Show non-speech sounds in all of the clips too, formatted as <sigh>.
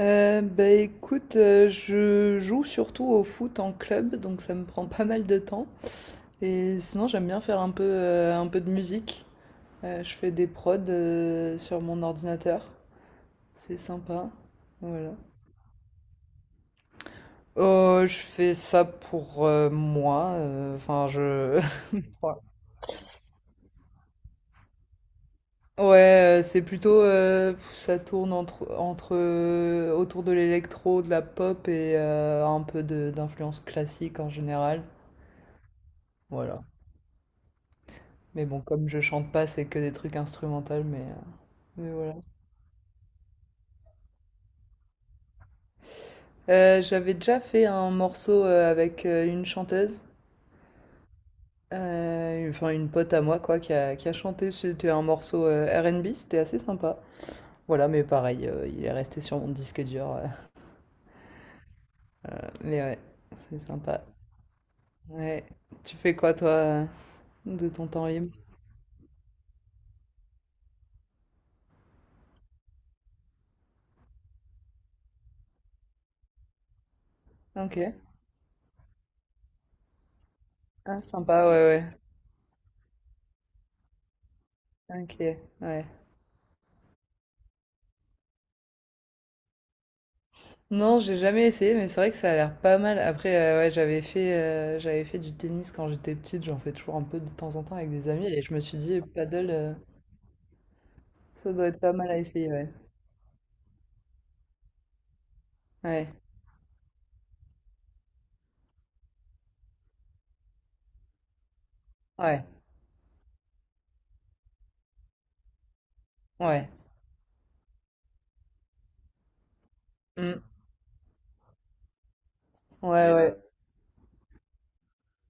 Bah écoute, je joue surtout au foot en club, donc ça me prend pas mal de temps. Et sinon, j'aime bien faire un peu de musique. Je fais des prods sur mon ordinateur. C'est sympa. Voilà. Oh, je fais ça pour moi. Enfin, je. <laughs> Ouais, c'est plutôt. Ça tourne autour de l'électro, de la pop et un peu d'influence classique en général. Voilà. Mais bon, comme je chante pas, c'est que des trucs instrumentaux, mais voilà. J'avais déjà fait un morceau avec une chanteuse, enfin une pote à moi, quoi, qui a chanté. C'était un morceau R&B, c'était assez sympa. Voilà, mais pareil, il est resté sur mon disque dur. <laughs> Mais ouais, c'est sympa. Ouais. Tu fais quoi, toi, de ton temps libre? Ok. Ah, sympa, ouais, ouais. Ok, ouais. Non, j'ai jamais essayé, mais c'est vrai que ça a l'air pas mal. Après, ouais, j'avais fait du tennis quand j'étais petite, j'en fais toujours un peu de temps en temps avec des amis, et je me suis dit, paddle, ça doit être pas mal à essayer, ouais. Ouais, ouais, ouais. Mm. Ouais, ouais.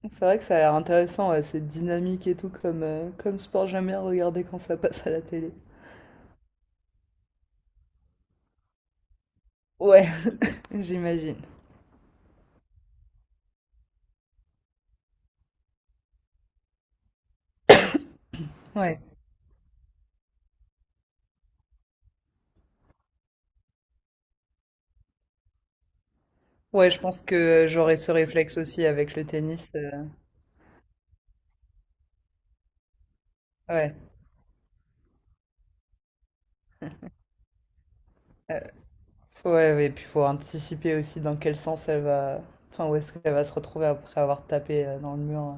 C'est vrai que ça a l'air intéressant, ouais, c'est dynamique et tout comme sport, j'aime bien regarder quand ça passe à la télé. Ouais, <laughs> j'imagine. Ouais. Ouais, je pense que j'aurais ce réflexe aussi avec le tennis. Ouais. Euh, Ouais, ouais, et puis faut anticiper aussi dans quel sens elle va. Enfin, où est-ce qu'elle va se retrouver après avoir tapé dans le mur.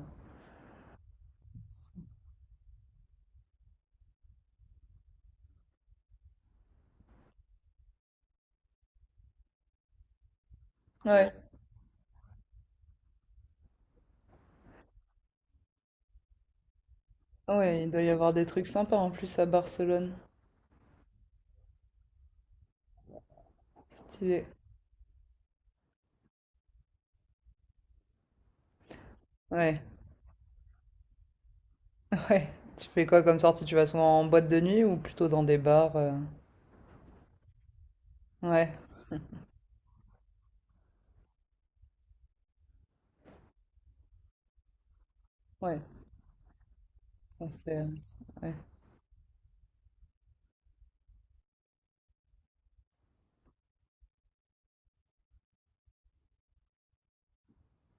Ouais, Ouais. Ouais, il doit y avoir des trucs sympas en plus à Barcelone. Stylé. Ouais, <laughs> ouais. Tu fais quoi comme sortie? Tu vas souvent en boîte de nuit ou plutôt dans des bars? Ouais, ouais. On sait. Ouais.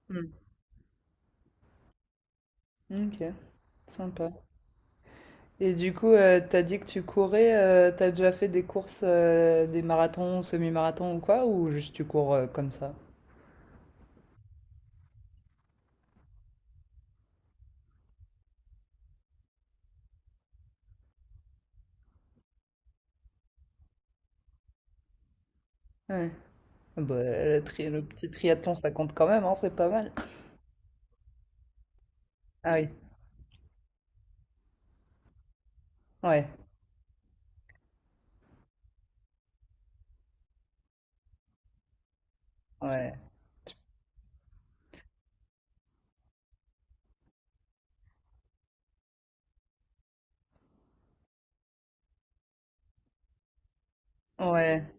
Hmm. Ok, sympa. Et du coup, t'as dit que tu courais, t'as déjà fait des courses, des marathons, semi-marathons ou quoi? Ou juste tu cours comme ça? Ah Bah, le petit triathlon, ça compte quand même, hein, c'est pas mal. Ah oui, ouais, ouais, ouais.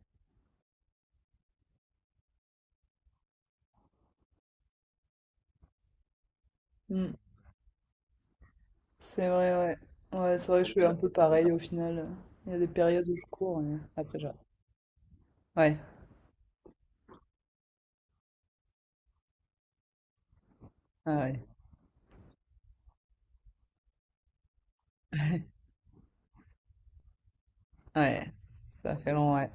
hmm, C'est vrai, ouais. Ouais, c'est vrai que je suis un peu pareil au final. Il y a des périodes où je cours, mais après j'arrête. Ouais, ah ouais, <laughs> ouais, ça fait long, ouais.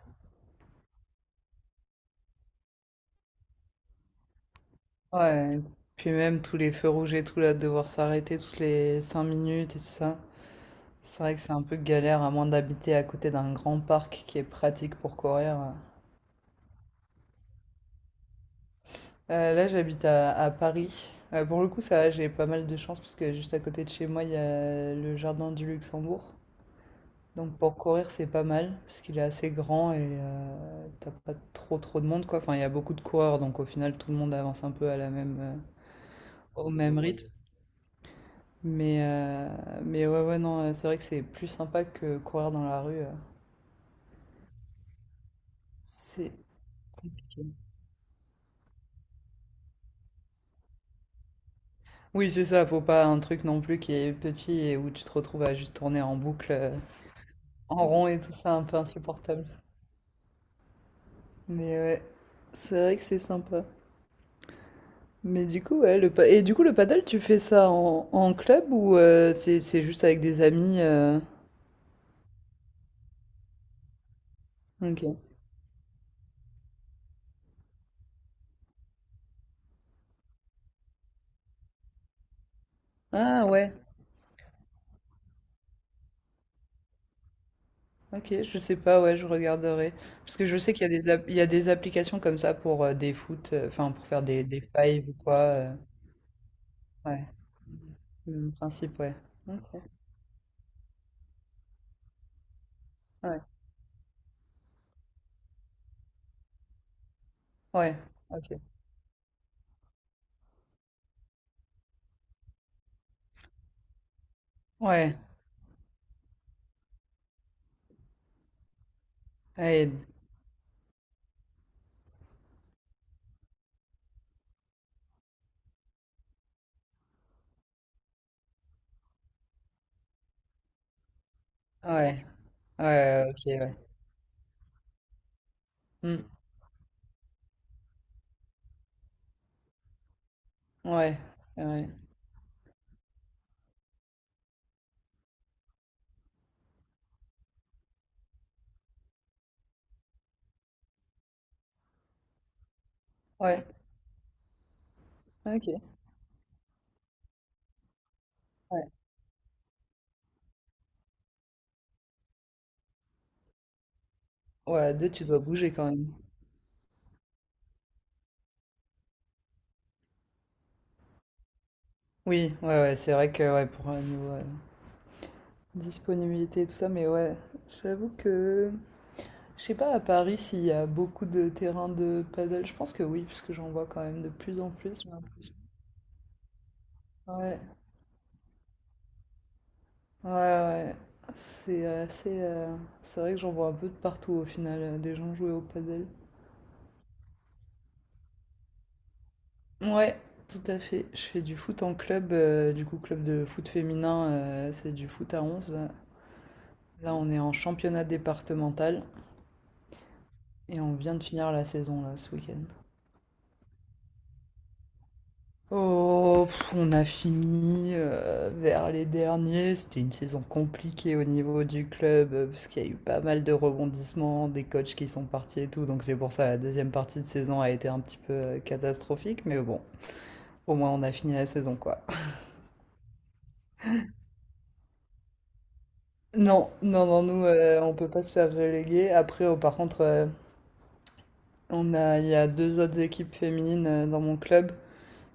Ouais, puis même tous les feux rouges et tout, là, de devoir s'arrêter toutes les 5 minutes et tout ça. C'est vrai que c'est un peu galère, à moins d'habiter à côté d'un grand parc qui est pratique pour courir. Là, j'habite à Paris. Pour le coup, ça va, j'ai pas mal de chance parce que juste à côté de chez moi, il y a le jardin du Luxembourg. Donc pour courir, c'est pas mal parce qu'il est assez grand et t'as pas trop trop de monde quoi. Enfin, il y a beaucoup de coureurs, donc au final, tout le monde avance un peu au même rythme. Mais euh, mais ouais ouais non, c'est vrai que c'est plus sympa que courir dans la rue. C'est compliqué. Oui, c'est ça. Faut pas un truc non plus qui est petit et où tu te retrouves à juste tourner en boucle. En rond et tout ça, un peu insupportable. Mais ouais, c'est vrai que c'est sympa. Mais du coup, ouais, et du coup, le paddle, tu fais ça en club ou c'est juste avec des amis Ok. Ah ouais, ok, je sais pas, ouais, je regarderai. Parce que je sais qu'il y a il y a des applications comme ça pour des foot, enfin pour faire des fives ou quoi. Ouais, le même principe, ouais. Ok, ouais, ouais, ok. Ouais, ouais, ouais, ouais, ok, ouais. Hmm, ouais, c'est vrai. Ouais, OK, ouais. Ouais, 2 tu dois bouger quand même. Oui, ouais, ouais, c'est vrai que ouais, pour un niveau disponibilité et tout ça, mais ouais, j'avoue que je sais pas à Paris s'il y a beaucoup de terrains de paddle. Je pense que oui, puisque j'en vois quand même de plus en plus, j'ai l'impression. Ouais, ouais, ouais. C'est assez. C'est vrai que j'en vois un peu de partout au final, des gens jouer au paddle. Ouais, tout à fait. Je fais du foot en club, du coup, club de foot féminin, c'est du foot à 11. Là, on est en championnat départemental et on vient de finir la saison là ce week-end. Oh, on a fini vers les derniers. C'était une saison compliquée au niveau du club parce qu'il y a eu pas mal de rebondissements, des coachs qui sont partis et tout. Donc c'est pour ça la deuxième partie de saison a été un petit peu catastrophique, mais bon, au moins on a fini la saison quoi. Non, non, non, nous on peut pas se faire reléguer. Après, oh, par contre, on a il y a deux autres équipes féminines dans mon club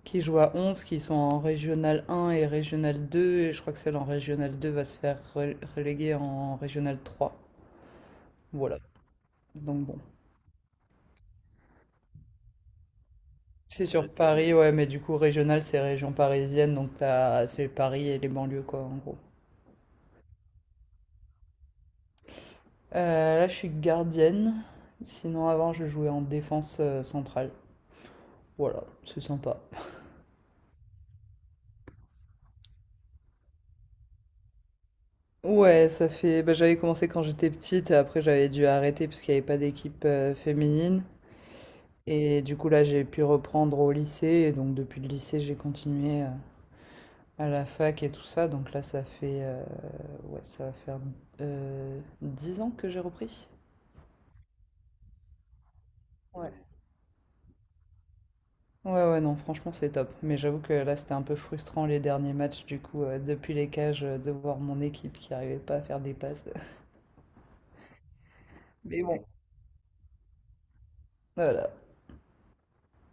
qui jouent à 11, qui sont en Régional 1 et Régional 2. Et je crois que celle en Régional 2 va se faire reléguer en Régional 3. Voilà. Donc bon. C'est sur Paris, ouais, mais du coup, Régional, c'est région parisienne. Donc t'as, c'est Paris et les banlieues, quoi, en gros. Là, je suis gardienne. Sinon, avant, je jouais en défense centrale. Voilà, c'est sympa. Ouais, ça fait. Bah, j'avais commencé quand j'étais petite, et après j'avais dû arrêter parce qu'il n'y avait pas d'équipe féminine. Et du coup, là, j'ai pu reprendre au lycée. Et donc, depuis le lycée, j'ai continué à la fac et tout ça. Donc là, ça fait... ouais, ça va faire 10 ans que j'ai repris. Ouais. Ouais, ouais, non, franchement, c'est top. Mais j'avoue que là, c'était un peu frustrant les derniers matchs. Du coup, depuis les cages, de voir mon équipe qui arrivait pas à faire des passes. <laughs> Mais bon, voilà.